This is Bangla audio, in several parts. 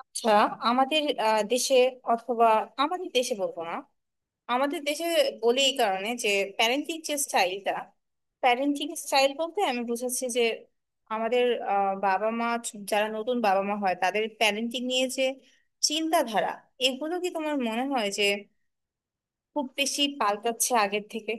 আচ্ছা, আমাদের দেশে অথবা আমাদের দেশে বলবো না, আমাদের দেশে বলি এই কারণে যে প্যারেন্টিং যে স্টাইলটা, প্যারেন্টিং স্টাইল বলতে আমি বুঝাচ্ছি যে আমাদের বাবা মা, যারা নতুন বাবা মা হয় তাদের প্যারেন্টিং নিয়ে যে চিন্তাধারা, এগুলো কি তোমার মনে হয় যে খুব বেশি পাল্টাচ্ছে আগের থেকে?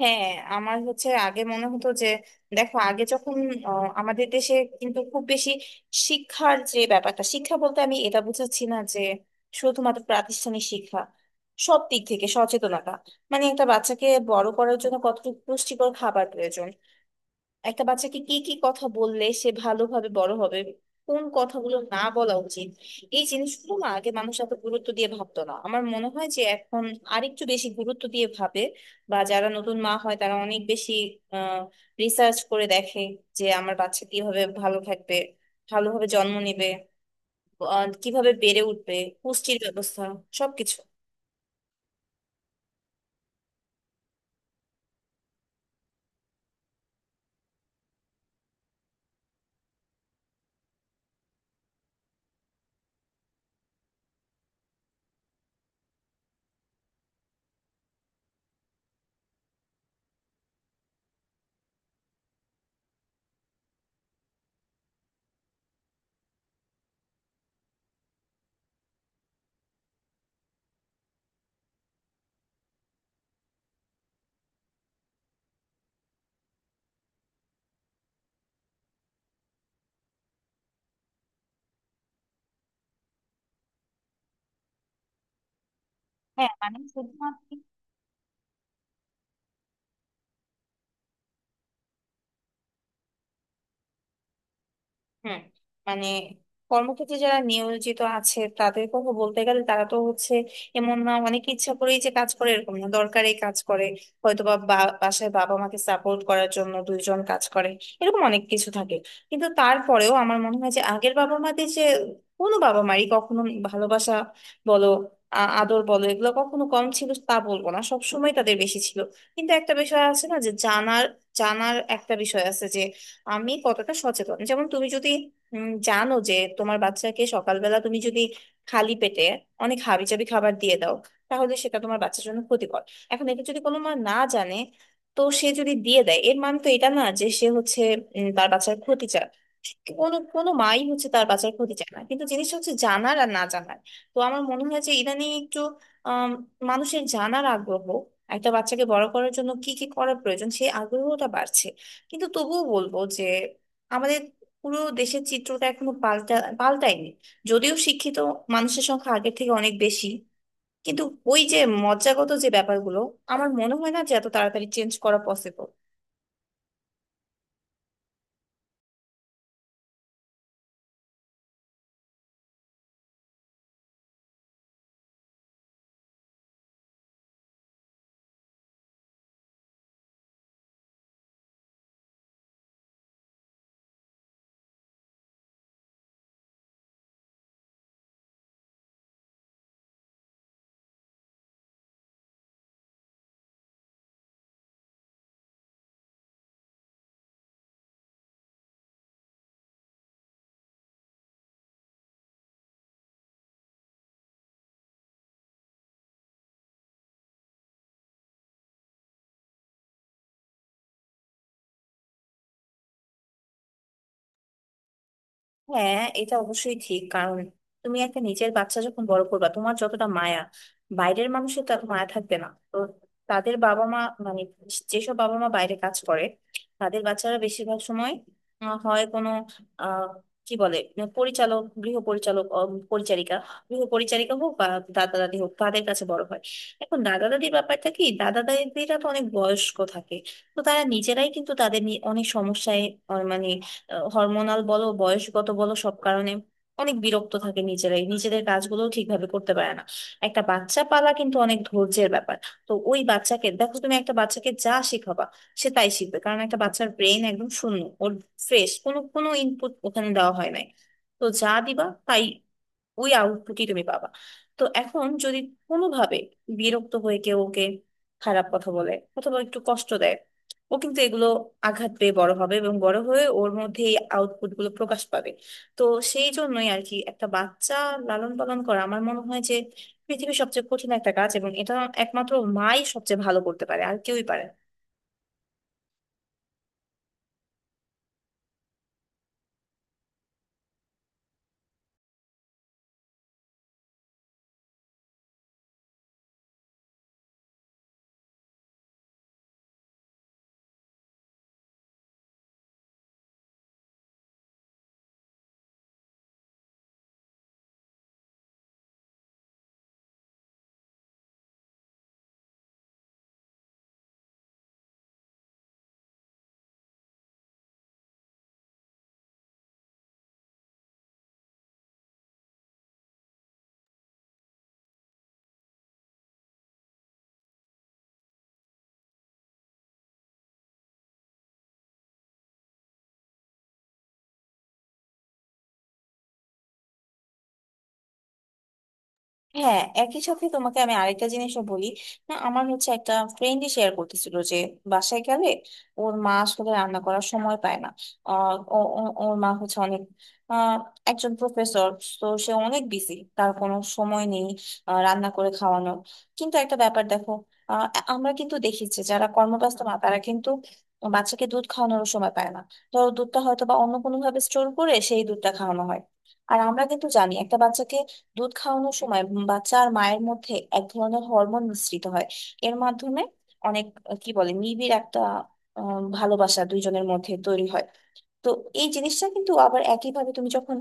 হ্যাঁ, আমার হচ্ছে আগে মনে হতো যে, দেখো, আগে যখন আমাদের দেশে কিন্তু খুব বেশি শিক্ষার যে ব্যাপারটা, শিক্ষা বলতে আমি এটা বুঝাচ্ছি না যে শুধুমাত্র প্রাতিষ্ঠানিক শিক্ষা, সব দিক থেকে সচেতনতা। মানে একটা বাচ্চাকে বড় করার জন্য কতটুকু পুষ্টিকর খাবার প্রয়োজন, একটা বাচ্চাকে কি কি কথা বললে সে ভালোভাবে বড় হবে, কোন কথাগুলো না বলা উচিত, এই জিনিসগুলো না আগে মানুষ এত গুরুত্ব দিয়ে ভাবতো না। আমার মনে হয় যে এখন আরেকটু বেশি গুরুত্ব দিয়ে ভাবে, বা যারা নতুন মা হয় তারা অনেক বেশি আহ রিসার্চ করে দেখে যে আমার বাচ্চা কিভাবে ভালো থাকবে, ভালোভাবে জন্ম নেবে, কিভাবে বেড়ে উঠবে, পুষ্টির ব্যবস্থা, সবকিছু। হ্যাঁ, মানে শুধুমাত্র, হুম, মানে কর্মক্ষেত্রে যারা নিয়োজিত আছে তাদের কথা বলতে গেলে তারা তো হচ্ছে, এমন না অনেকে ইচ্ছা করেই যে কাজ করে, এরকম না, দরকারে কাজ করে হয়তোবা, বা বা- বাসায় বাবা মাকে সাপোর্ট করার জন্য দুইজন কাজ করে, এরকম অনেক কিছু থাকে। কিন্তু তারপরেও আমার মনে হয় যে আগের বাবা মাদের যে, কোনো বাবা মারই কখনো ভালোবাসা বলো, আদর বলো, এগুলো কখনো কম ছিল তা বলবো না, সবসময় তাদের বেশি ছিল। কিন্তু একটা বিষয় আছে না, যে জানার জানার একটা বিষয় আছে, আমি কতটা সচেতন। যেমন তুমি যদি জানো যে তোমার বাচ্চাকে সকালবেলা তুমি যদি খালি পেটে অনেক হাবিজাবি খাবার দিয়ে দাও, তাহলে সেটা তোমার বাচ্চার জন্য ক্ষতিকর। এখন এটা যদি কোনো মা না জানে, তো সে যদি দিয়ে দেয়, এর মানে তো এটা না যে সে হচ্ছে তার বাচ্চার ক্ষতি চায়। কোনো কোনো মাই হচ্ছে তার বাচ্চার ক্ষতি চায় না, কিন্তু জিনিসটা হচ্ছে জানার আর না জানার। তো আমার মনে হয় যে ইদানিং একটু আম, মানুষের জানার আগ্রহ, একটা বাচ্চাকে বড় করার জন্য কি কি করা প্রয়োজন সেই আগ্রহটা বাড়ছে। কিন্তু তবুও বলবো যে আমাদের পুরো দেশের চিত্রটা এখনো পাল্টায়নি। যদিও শিক্ষিত মানুষের সংখ্যা আগের থেকে অনেক বেশি, কিন্তু ওই যে মজ্জাগত যে ব্যাপারগুলো, আমার মনে হয় না যে এত তাড়াতাড়ি চেঞ্জ করা পসিবল। হ্যাঁ, এটা অবশ্যই ঠিক, কারণ তুমি একটা নিজের বাচ্চা যখন বড় করবা তোমার যতটা মায়া, বাইরের মানুষের তো এত মায়া থাকবে না। তো তাদের বাবা মা, মানে যেসব বাবা মা বাইরে কাজ করে, তাদের বাচ্চারা বেশিরভাগ সময় হয় কোনো আহ কি বলে মানে পরিচালক, গৃহ পরিচালক, পরিচারিকা, গৃহ পরিচারিকা হোক বা দাদা দাদি হোক, তাদের কাছে বড় হয়। এখন দাদা দাদির ব্যাপারটা কি, দাদা দাদিরা তো অনেক বয়স্ক থাকে, তো তারা নিজেরাই কিন্তু তাদের নিয়ে অনেক সমস্যায়, মানে হরমোনাল বলো, বয়সগত বলো, সব কারণে অনেক বিরক্ত থাকে, নিজেরাই নিজেদের কাজগুলো ঠিকভাবে করতে পারে না। একটা বাচ্চা পালা কিন্তু অনেক ধৈর্যের ব্যাপার। তো ওই বাচ্চাকে দেখো, তুমি একটা বাচ্চাকে যা শেখাবা সে তাই শিখবে, কারণ একটা বাচ্চার ব্রেন একদম শূন্য, ওর ফ্রেশ, কোনো কোনো ইনপুট ওখানে দেওয়া হয় নাই। তো যা দিবা তাই, ওই আউটপুটই তুমি পাবা। তো এখন যদি কোনোভাবে বিরক্ত হয়ে কেউ ওকে খারাপ কথা বলে অথবা একটু কষ্ট দেয়, ও কিন্তু এগুলো আঘাত পেয়ে বড় হবে এবং বড় হয়ে ওর মধ্যে এই আউটপুট গুলো প্রকাশ পাবে। তো সেই জন্যই আর কি একটা বাচ্চা লালন পালন করা আমার মনে হয় যে পৃথিবীর সবচেয়ে কঠিন একটা কাজ, এবং এটা একমাত্র মাই সবচেয়ে ভালো করতে পারে, আর কেউই পারে না। হ্যাঁ, একই সাথে তোমাকে আমি আরেকটা জিনিসও বলি। না, আমার হচ্ছে একটা ফ্রেন্ডই শেয়ার করতেছিল যে বাসায় গেলে ওর মা আসলে রান্না করার সময় পায় না। ওর মা হচ্ছে অনেক আহ, একজন প্রফেসর, তো সে অনেক বিজি, তার কোনো সময় নেই রান্না করে খাওয়ানোর। কিন্তু একটা ব্যাপার দেখো, আহ, আমরা কিন্তু দেখেছি যারা কর্মব্যস্ত মা তারা কিন্তু বাচ্চাকে দুধ খাওয়ানোর সময় পায় না, ধরো দুধটা হয়তো বা অন্য কোনো ভাবে স্টোর করে সেই দুধটা খাওয়ানো হয়। আর আমরা কিন্তু জানি একটা বাচ্চাকে দুধ খাওয়ানোর সময় বাচ্চা আর মায়ের মধ্যে এক ধরনের হরমোন মিশ্রিত হয়, এর মাধ্যমে অনেক কি বলে নিবিড় একটা ভালোবাসা দুইজনের মধ্যে তৈরি হয়। তো এই জিনিসটা কিন্তু আবার একইভাবে, তুমি যখন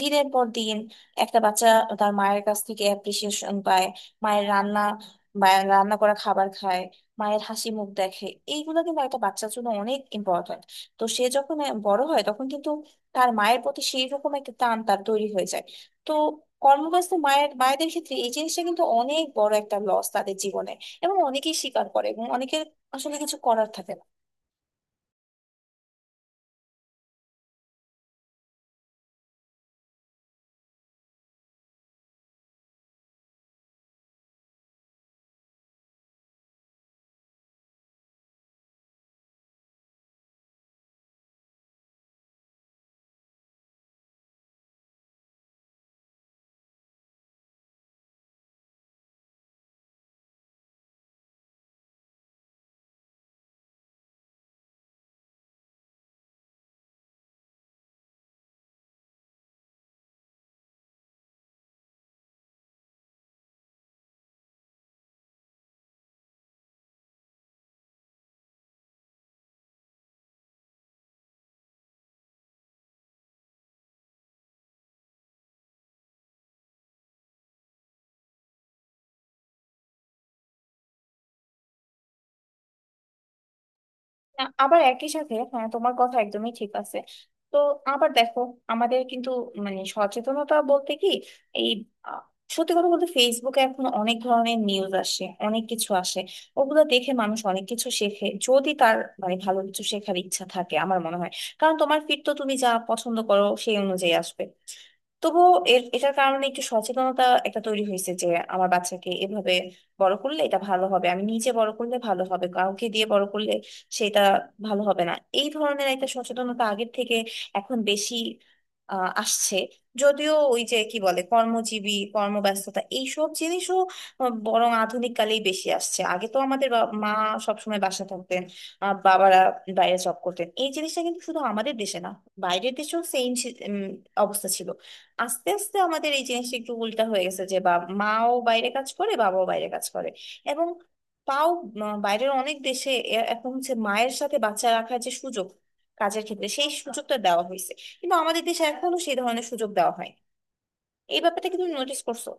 দিনের পর দিন একটা বাচ্চা তার মায়ের কাছ থেকে অ্যাপ্রিসিয়েশন পায়, মায়ের রান্না মায়ের রান্না করা খাবার খায়, মায়ের হাসি মুখ দেখে, এইগুলো কিন্তু একটা বাচ্চার জন্য অনেক ইম্পর্ট্যান্ট। তো সে যখন বড় হয় তখন কিন্তু তার মায়ের প্রতি সেই রকম একটা টান তার তৈরি হয়ে যায়। তো কর্মব্যস্ত মায়েদের ক্ষেত্রে এই জিনিসটা কিন্তু অনেক বড় একটা লস তাদের জীবনে, এবং অনেকেই স্বীকার করে, এবং অনেকের আসলে কিছু করার থাকে না। আবার একই সাথে, হ্যাঁ, তোমার কথা একদমই ঠিক আছে। তো আবার দেখো, আমাদের কিন্তু মানে সচেতনতা বলতে কি, এই আ, সত্যি কথা বলতে ফেসবুকে এখন অনেক ধরনের নিউজ আসে, অনেক কিছু আসে, ওগুলো দেখে মানুষ অনেক কিছু শেখে যদি তার মানে ভালো কিছু শেখার ইচ্ছা থাকে, আমার মনে হয়। কারণ তোমার ফিড তো তুমি যা পছন্দ করো সেই অনুযায়ী আসবে। তবুও এটার কারণে একটু সচেতনতা একটা তৈরি হয়েছে যে আমার বাচ্চাকে এভাবে বড় করলে এটা ভালো হবে, আমি নিজে বড় করলে ভালো হবে, কাউকে দিয়ে বড় করলে সেটা ভালো হবে না। এই ধরনের একটা সচেতনতা আগের থেকে এখন বেশি আসছে। যদিও ওই যে কি বলে কর্মজীবী, কর্মব্যস্ততা এইসব জিনিসও বরং আধুনিক কালেই বেশি আসছে। আগে তো আমাদের মা সবসময় বাসা থাকতেন, বাবারা বাইরে জব করতেন, এই জিনিসটা কিন্তু শুধু আমাদের দেশে না, বাইরের দেশেও সেম অবস্থা ছিল। আস্তে আস্তে আমাদের এই জিনিসটা একটু উল্টা হয়ে গেছে যে বা মাও বাইরে কাজ করে, বাবাও বাইরে কাজ করে। এবং তাও, বাইরের অনেক দেশে এখন হচ্ছে মায়ের সাথে বাচ্চা রাখার যে সুযোগ, কাজের ক্ষেত্রে সেই সুযোগটা দেওয়া হয়েছে, কিন্তু আমাদের দেশে এখনো সেই ধরনের সুযোগ দেওয়া হয়। এই ব্যাপারটা কি তুমি নোটিস করছো?